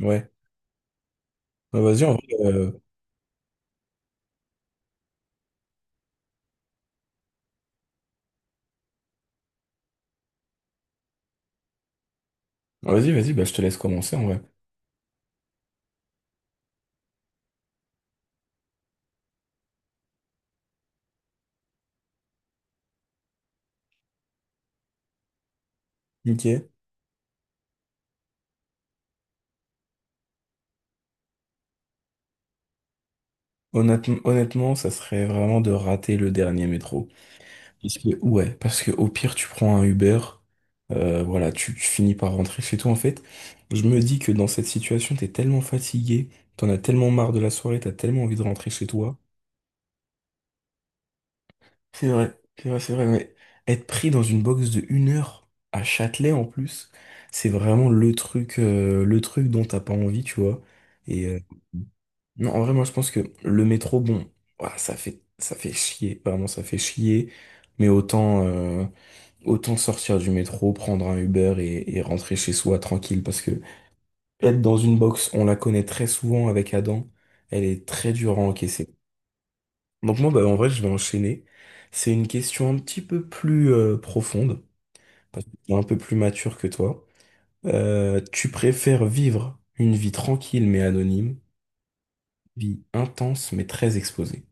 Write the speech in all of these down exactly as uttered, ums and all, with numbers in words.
Ouais. Bah, vas-y, en vrai, euh, vas-y, vas-y, bah, je te laisse commencer, en vrai. Ok. Honnêtement, honnêtement, ça serait vraiment de rater le dernier métro. Parce que, ouais, parce que au pire, tu prends un Uber, euh, voilà, tu, tu finis par rentrer chez toi, en fait. Je me dis que dans cette situation, t'es tellement fatigué, t'en as tellement marre de la soirée, t'as tellement envie de rentrer chez toi. C'est vrai, c'est vrai, c'est vrai, mais être pris dans une box de une heure à Châtelet, en plus, c'est vraiment le truc, euh, le truc dont t'as pas envie, tu vois. et Non, en vrai, moi, je pense que le métro, bon, voilà, ça fait, ça fait chier, vraiment, ça fait chier. Mais autant, euh, autant sortir du métro, prendre un Uber et, et rentrer chez soi tranquille. Parce que être dans une box, on la connaît très souvent avec Adam, elle est très dure à encaisser. Donc moi, bah, en vrai, je vais enchaîner. C'est une question un petit peu plus euh, profonde, parce que je suis un peu plus mature que toi. Euh, tu préfères vivre une vie tranquille mais anonyme, vie intense mais très exposée?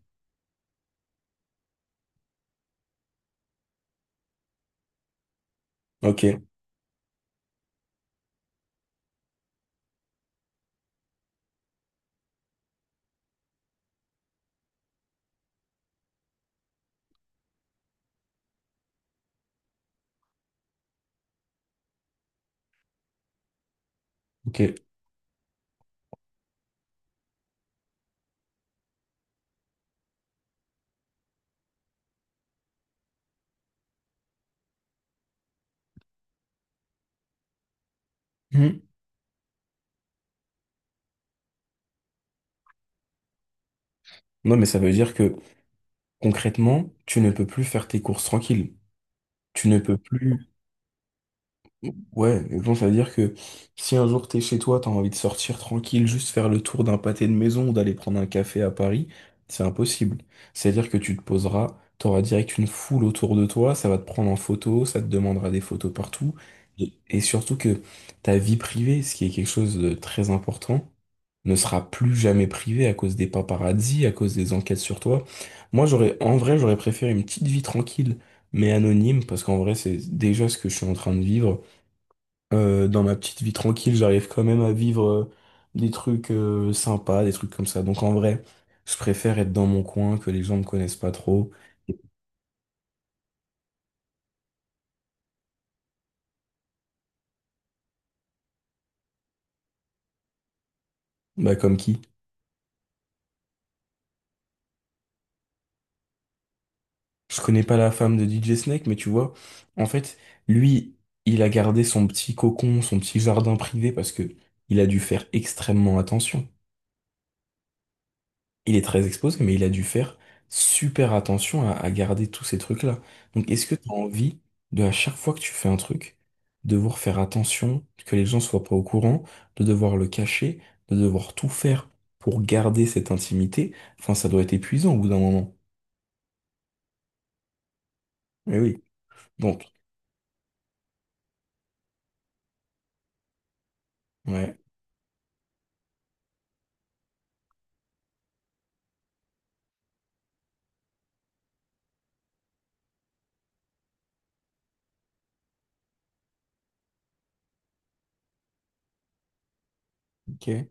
Ok, ok. Mhm. Non, mais ça veut dire que concrètement, tu ne peux plus faire tes courses tranquille. Tu ne peux plus. Ouais, mais bon, ça veut dire que si un jour t'es chez toi, t'as envie de sortir tranquille, juste faire le tour d'un pâté de maison ou d'aller prendre un café à Paris, c'est impossible. C'est-à-dire que tu te poseras, t'auras direct une foule autour de toi, ça va te prendre en photo, ça te demandera des photos partout. Et et surtout que ta vie privée, ce qui est quelque chose de très important, ne sera plus jamais privé à cause des paparazzis, à cause des enquêtes sur toi. Moi, j'aurais, en vrai, j'aurais préféré une petite vie tranquille, mais anonyme, parce qu'en vrai, c'est déjà ce que je suis en train de vivre. Euh, dans ma petite vie tranquille, j'arrive quand même à vivre euh, des trucs euh, sympas, des trucs comme ça. Donc en vrai, je préfère être dans mon coin, que les gens me connaissent pas trop. Bah comme qui? Je connais pas la femme de D J Snake, mais tu vois, en fait, lui, il a gardé son petit cocon, son petit jardin privé parce que il a dû faire extrêmement attention. Il est très exposé, mais il a dû faire super attention à, à garder tous ces trucs-là. Donc, est-ce que tu as envie de, à chaque fois que tu fais un truc, devoir faire attention, que les gens soient pas au courant, de devoir le cacher, de devoir tout faire pour garder cette intimité? Enfin, ça doit être épuisant au bout d'un moment. Eh oui. Donc, ouais, ok.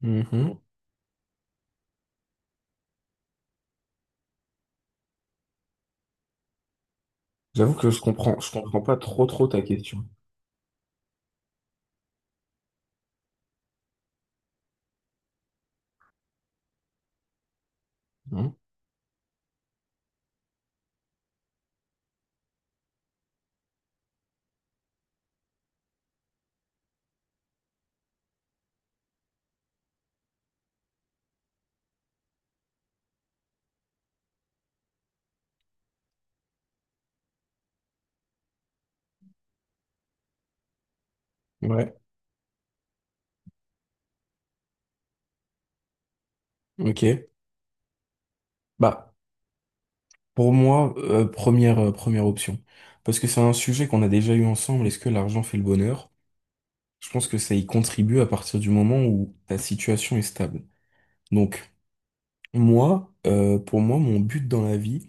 Mhm. J'avoue que je comprends, je comprends pas trop trop ta question. Hein. Ouais, ok. Bah. Pour moi, euh, première, euh, première option. Parce que c'est un sujet qu'on a déjà eu ensemble. Est-ce que l'argent fait le bonheur? Je pense que ça y contribue à partir du moment où ta situation est stable. Donc, moi, euh, pour moi, mon but dans la vie,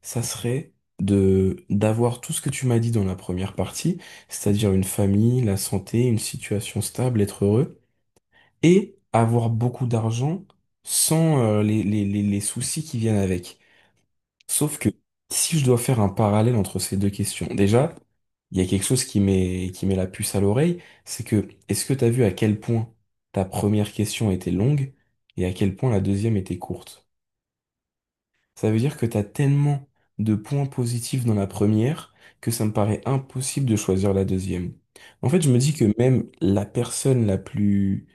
ça serait de, d'avoir tout ce que tu m'as dit dans la première partie, c'est-à-dire une famille, la santé, une situation stable, être heureux, et avoir beaucoup d'argent sans, euh, les, les, les les soucis qui viennent avec. Sauf que si je dois faire un parallèle entre ces deux questions, déjà, il y a quelque chose qui met, qui met la puce à l'oreille, c'est que est-ce que t'as vu à quel point ta première question était longue et à quel point la deuxième était courte? Ça veut dire que t'as tellement de points positifs dans la première que ça me paraît impossible de choisir la deuxième. En fait, je me dis que même la personne la plus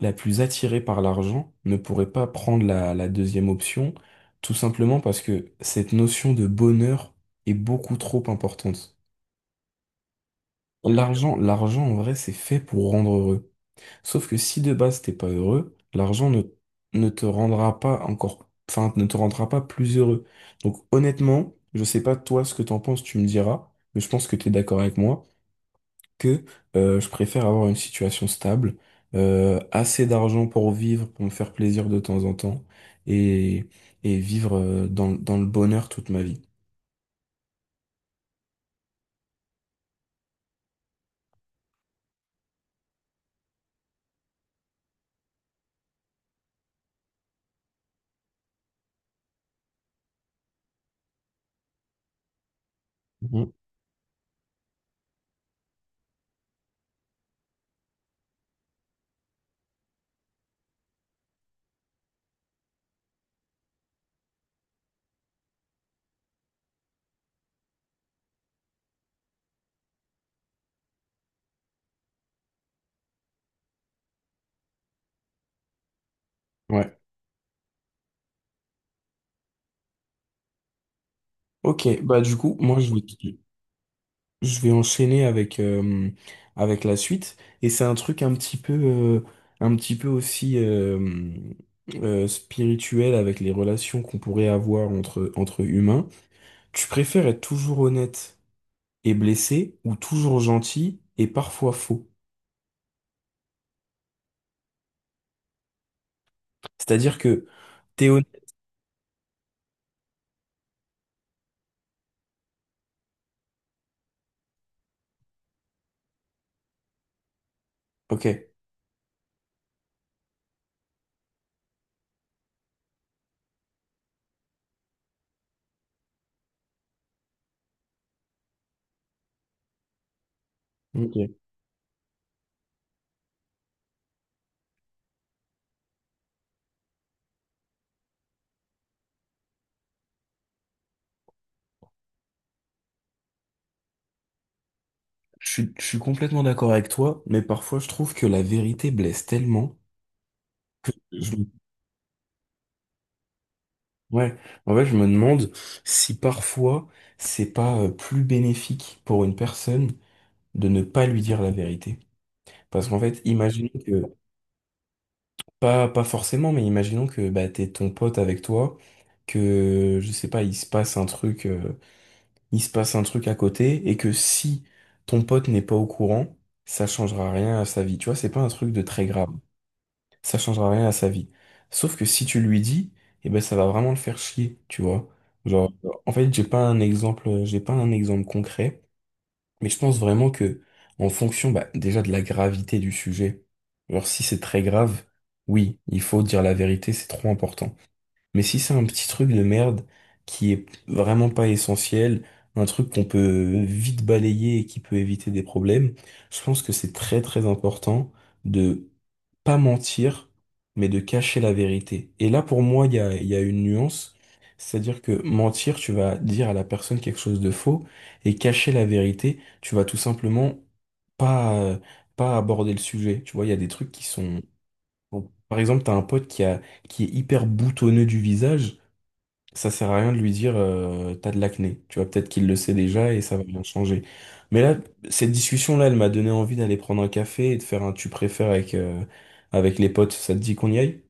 la plus attirée par l'argent ne pourrait pas prendre la, la deuxième option, tout simplement parce que cette notion de bonheur est beaucoup trop importante. L'argent, l'argent en vrai, c'est fait pour rendre heureux. Sauf que si de base t'es pas heureux, l'argent ne, ne te rendra pas encore, enfin, ne te rendra pas plus heureux. Donc honnêtement, je sais pas toi ce que t'en penses, tu me diras, mais je pense que t'es d'accord avec moi que euh, je préfère avoir une situation stable, euh, assez d'argent pour vivre, pour me faire plaisir de temps en temps, et, et vivre euh, dans, dans le bonheur toute ma vie. Mhm. Ouais. Ok, bah du coup, moi je vais, je vais enchaîner avec, euh, avec la suite. Et c'est un truc un petit peu, euh, un petit peu aussi euh, euh, spirituel avec les relations qu'on pourrait avoir entre, entre humains. Tu préfères être toujours honnête est blessé ou toujours gentil et parfois faux. C'est-à-dire que t'es honnête. Ok. Ok. Je suis, je suis complètement d'accord avec toi, mais parfois je trouve que la vérité blesse tellement. Je- Ouais. En fait, je me demande si parfois c'est pas euh, plus bénéfique pour une personne de ne pas lui dire la vérité. Parce qu'en fait, imaginons que, pas, pas forcément, mais imaginons que bah, t'es ton pote avec toi, que, je sais pas, il se passe un truc. euh, il se passe un truc à côté et que si ton pote n'est pas au courant, ça changera rien à sa vie. Tu vois, c'est pas un truc de très grave. Ça changera rien à sa vie. Sauf que si tu lui dis, eh ben ça va vraiment le faire chier, tu vois. Genre, en fait, j'ai pas un exemple, j'ai pas un exemple concret, mais je pense vraiment que en fonction, bah, déjà de la gravité du sujet. Alors si c'est très grave, oui, il faut dire la vérité, c'est trop important. Mais si c'est un petit truc de merde qui est vraiment pas essentiel, un truc qu'on peut vite balayer et qui peut éviter des problèmes, je pense que c'est très très important de pas mentir, mais de cacher la vérité. Et là, pour moi, il y a, il y a une nuance, c'est-à-dire que mentir, tu vas dire à la personne quelque chose de faux, et cacher la vérité, tu vas tout simplement pas, pas aborder le sujet. Tu vois, il y a des trucs qui sont... Bon, par exemple, t'as un pote qui a, qui est hyper boutonneux du visage, ça sert à rien de lui dire euh, t'as de l'acné. Tu vois, peut-être qu'il le sait déjà et ça va bien changer. Mais là, cette discussion-là, elle m'a donné envie d'aller prendre un café et de faire un tu préfères avec, euh, avec les potes. Ça te dit qu'on y aille?